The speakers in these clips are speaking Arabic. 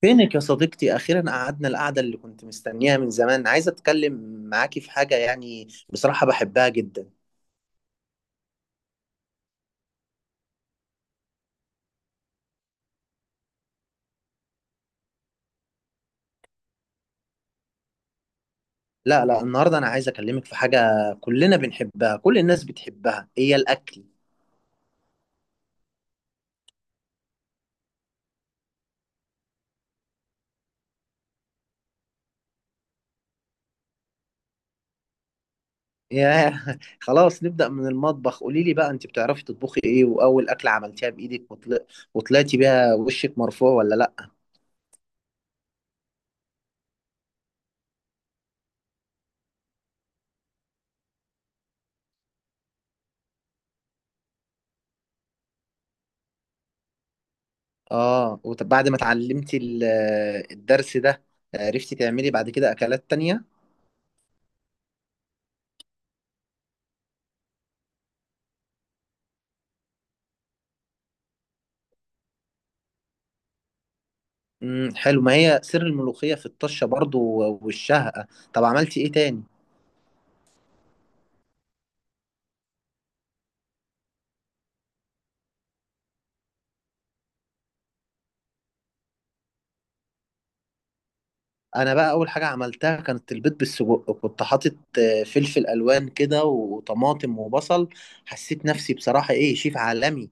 فينك يا صديقتي؟ أخيرا قعدنا القعدة اللي كنت مستنيها من زمان. عايز أتكلم معاكي في حاجة، يعني بصراحة بحبها جدا. لا النهاردة أنا عايز أكلمك في حاجة. كلنا بنحبها، كل الناس بتحبها، هي الأكل. ياه! خلاص، نبدأ من المطبخ. قولي لي بقى، أنت بتعرفي تطبخي إيه؟ وأول أكلة عملتيها بإيدك وطلعتي بيها وشك مرفوع ولا لأ؟ آه، وبعد ما اتعلمتي الدرس ده، عرفتي تعملي بعد كده أكلات تانية؟ حلو، ما هي سر الملوخية في الطشة برضو والشهقة. طب عملتي ايه تاني؟ انا بقى اول حاجة عملتها كانت البيض بالسجق، كنت حاطط فلفل الوان كده وطماطم وبصل. حسيت نفسي بصراحة ايه، شيف عالمي.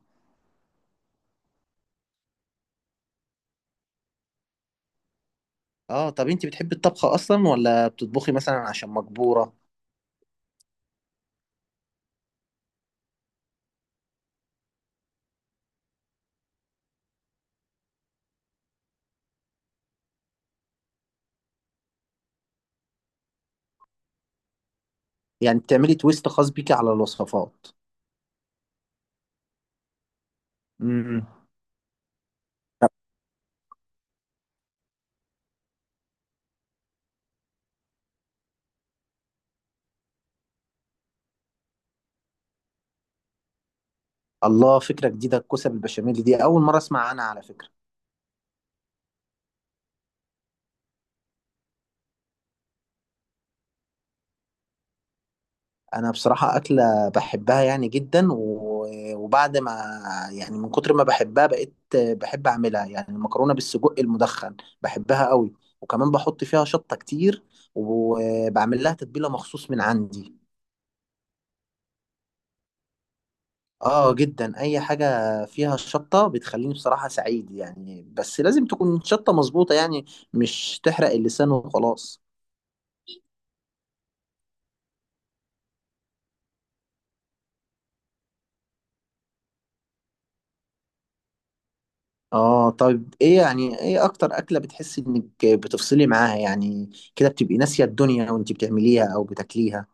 اه، طب انت بتحبي الطبخ اصلا ولا بتطبخي مثلا عشان مجبورة؟ يعني بتعملي تويست خاص بيكي على الوصفات. امم امم. الله، فكرة جديدة، الكوسة بالبشاميل دي اول مرة اسمع عنها على فكرة. انا بصراحة اكلة بحبها يعني جدا، وبعد ما، يعني من كتر ما بحبها بقيت بحب اعملها، يعني المكرونة بالسجق المدخن بحبها قوي، وكمان بحط فيها شطة كتير، وبعمل لها تتبيلة مخصوص من عندي. اه، جدا، اي حاجة فيها شطة بتخليني بصراحة سعيد يعني، بس لازم تكون شطة مظبوطة يعني، مش تحرق اللسان وخلاص. اه، طيب ايه يعني، ايه اكتر اكلة بتحسي انك بتفصلي معاها يعني، كده بتبقي ناسية الدنيا وانت بتعمليها او بتاكليها؟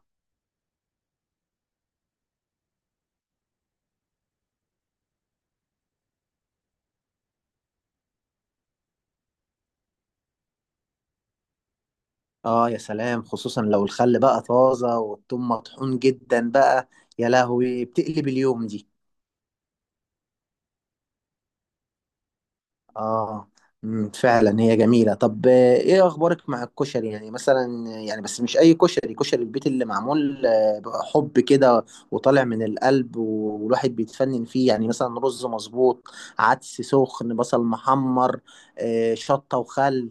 اه يا سلام، خصوصا لو الخل بقى طازة والثوم مطحون جدا بقى، يا لهوي بتقلب اليوم دي. اه. فعلا هي جميلة. طب ايه اخبارك مع الكشري يعني، مثلا يعني، بس مش اي كشري، كشري البيت اللي معمول بحب كده، وطالع من القلب، والواحد بيتفنن فيه، يعني مثلا رز مظبوط، عدس سخن، بصل محمر، شطة وخل.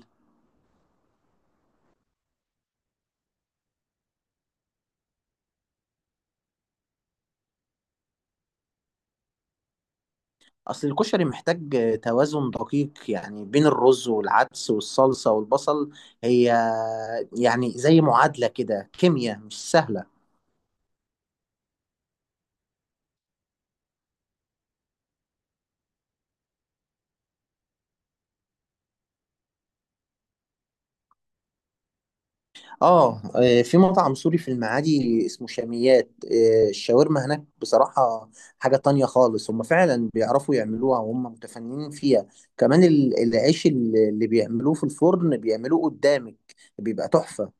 اصل الكشري محتاج توازن دقيق يعني، بين الرز والعدس والصلصة والبصل. هي يعني زي معادلة كده، كيمياء مش سهلة. اه، في مطعم سوري في المعادي اسمه شاميات، الشاورما هناك بصراحة حاجة تانية خالص، هم فعلا بيعرفوا يعملوها وهم متفننين فيها. كمان العيش اللي بيعملوه في الفرن بيعملوه قدامك، بيبقى تحفة.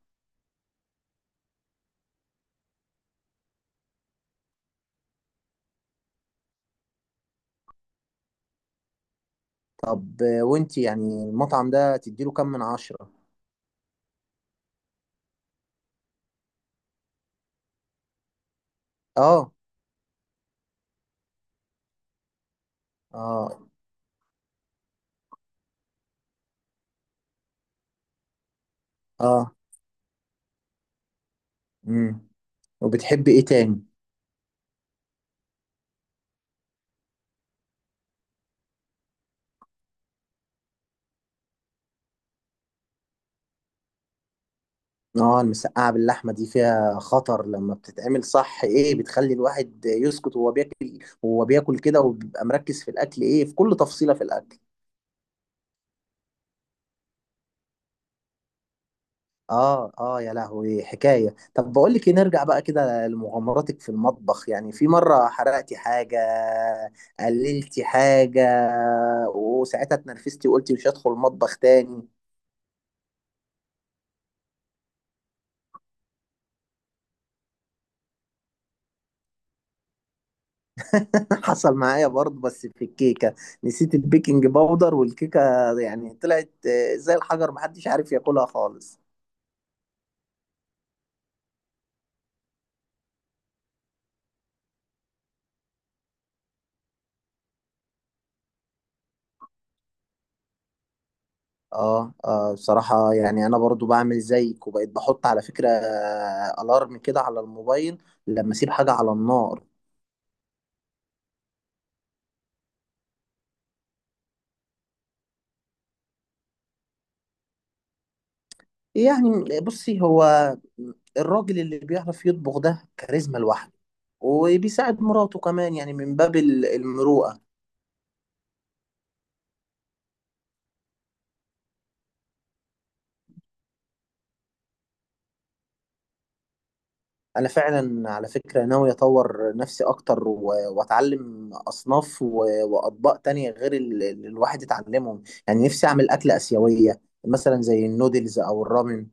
طب وانت يعني المطعم ده تديله كام من عشرة؟ اه. اه. اه. امم. وبتحبي ايه تاني؟ اه، المسقعة باللحمة دي فيها خطر، لما بتتعمل صح ايه بتخلي الواحد يسكت وهو بياكل، وهو بياكل كده وبيبقى مركز في الاكل، ايه في كل تفصيلة في الاكل. اه، اه يا لهوي حكاية. طب بقول لك ايه، نرجع بقى كده لمغامراتك في المطبخ، يعني في مرة حرقتي حاجة، قللتي حاجة، وساعتها اتنرفزتي وقلتي مش هدخل المطبخ تاني؟ حصل معايا برضه بس في الكيكة، نسيت البيكنج باودر والكيكة يعني طلعت زي الحجر، محدش عارف ياكلها خالص. اه، اه بصراحة يعني انا برضو بعمل زيك، وبقيت بحط على فكرة الارم كده على الموبايل لما اسيب حاجة على النار. يعني بصي، هو الراجل اللي بيعرف يطبخ ده كاريزما لوحده، وبيساعد مراته كمان يعني من باب المروءة. انا فعلا على فكره ناوي اطور نفسي اكتر، واتعلم اصناف واطباق تانية غير اللي الواحد يتعلمهم، يعني نفسي اعمل اكله اسيويه مثلا زي النودلز او الرامن.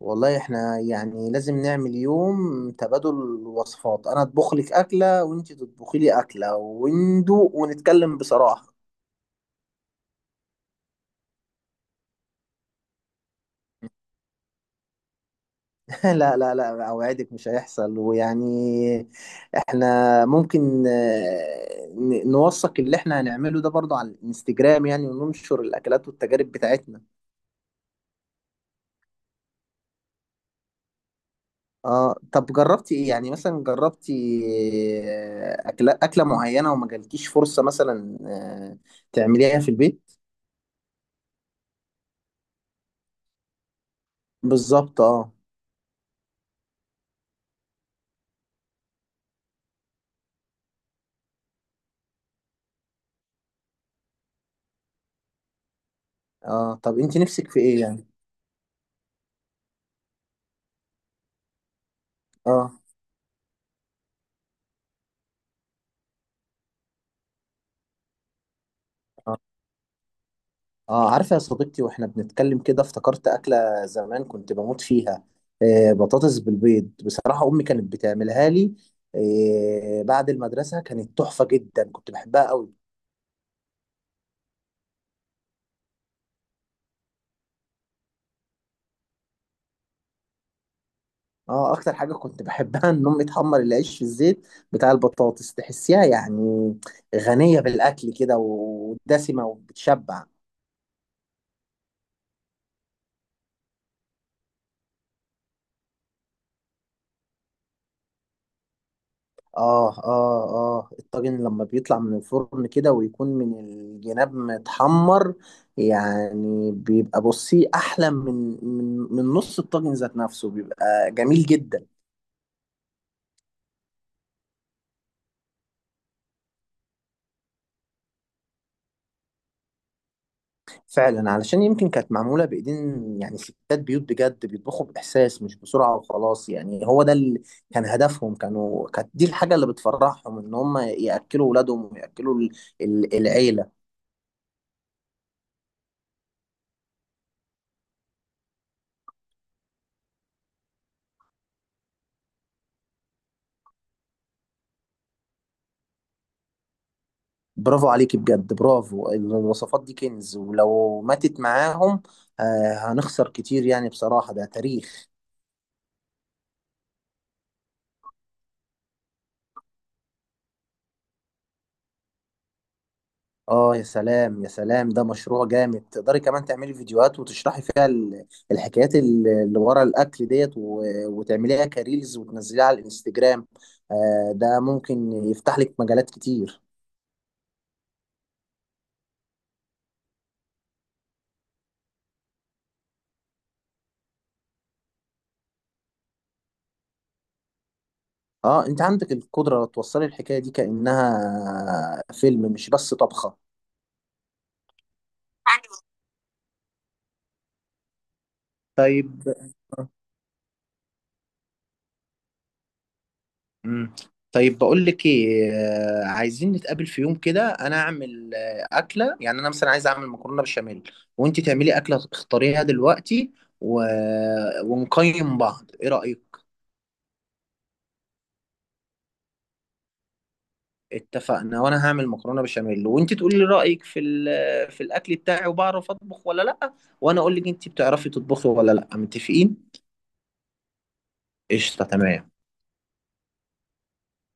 والله احنا يعني لازم نعمل يوم تبادل وصفات، انا اطبخ لك اكله وانت تطبخي لي اكله وندوق ونتكلم بصراحه. لا، أوعدك مش هيحصل. ويعني احنا ممكن نوثق اللي احنا هنعمله ده برضه على الانستجرام، يعني وننشر الأكلات والتجارب بتاعتنا. اه، طب جربتي ايه يعني، مثلا جربتي أكلة معينة وما جالكيش فرصة مثلا تعمليها في البيت؟ بالظبط اه. اه، طب انت نفسك في ايه يعني؟ اه. آه. اه عارفة يا صديقتي، واحنا بنتكلم كده افتكرت أكلة زمان كنت بموت فيها، آه، بطاطس بالبيض، بصراحة أمي كانت بتعملها لي آه بعد المدرسة، كانت تحفة جدا كنت بحبها قوي. اه، أكتر حاجة كنت بحبها إن أمي تحمر العيش في الزيت بتاع البطاطس، تحسيها يعني غنية بالأكل كده ودسمة وبتشبع. اه اه اه، الطاجن لما بيطلع من الفرن كده ويكون من الجناب متحمر يعني، بيبقى بصي احلى من من نص الطاجن، ذات نفسه بيبقى جميل جدا. فعلا، علشان يمكن كانت معمولة بايدين، يعني ستات بيوت بجد بيطبخوا باحساس مش بسرعة وخلاص، يعني هو ده اللي كان هدفهم، كانت دي الحاجة اللي بتفرحهم، ان هم ياكلوا اولادهم وياكلوا العيلة. برافو عليك بجد، برافو، الوصفات دي كنز، ولو ماتت معاهم آه هنخسر كتير يعني، بصراحة ده تاريخ. اه يا سلام يا سلام، ده مشروع جامد، تقدري كمان تعملي فيديوهات وتشرحي فيها الحكايات اللي ورا الاكل ديت، وتعمليها كريلز وتنزليها على الانستجرام، آه ده ممكن يفتح لك مجالات كتير. اه، انت عندك القدرة توصلي الحكاية دي كأنها فيلم مش بس طبخة. طيب. مم. طيب بقول لك ايه عايزين نتقابل في يوم كده، انا اعمل اكله، يعني انا مثلا عايز اعمل مكرونه بشاميل، وانت تعملي اكله اختاريها دلوقتي و... ونقيم بعض، ايه رايك؟ اتفقنا، وانا هعمل مكرونه بشاميل وانت تقولي لي رايك في الاكل بتاعي، وبعرف اطبخ ولا لا، وانا اقول لك انت بتعرفي تطبخي ولا لا. متفقين؟ قشطه، تمام.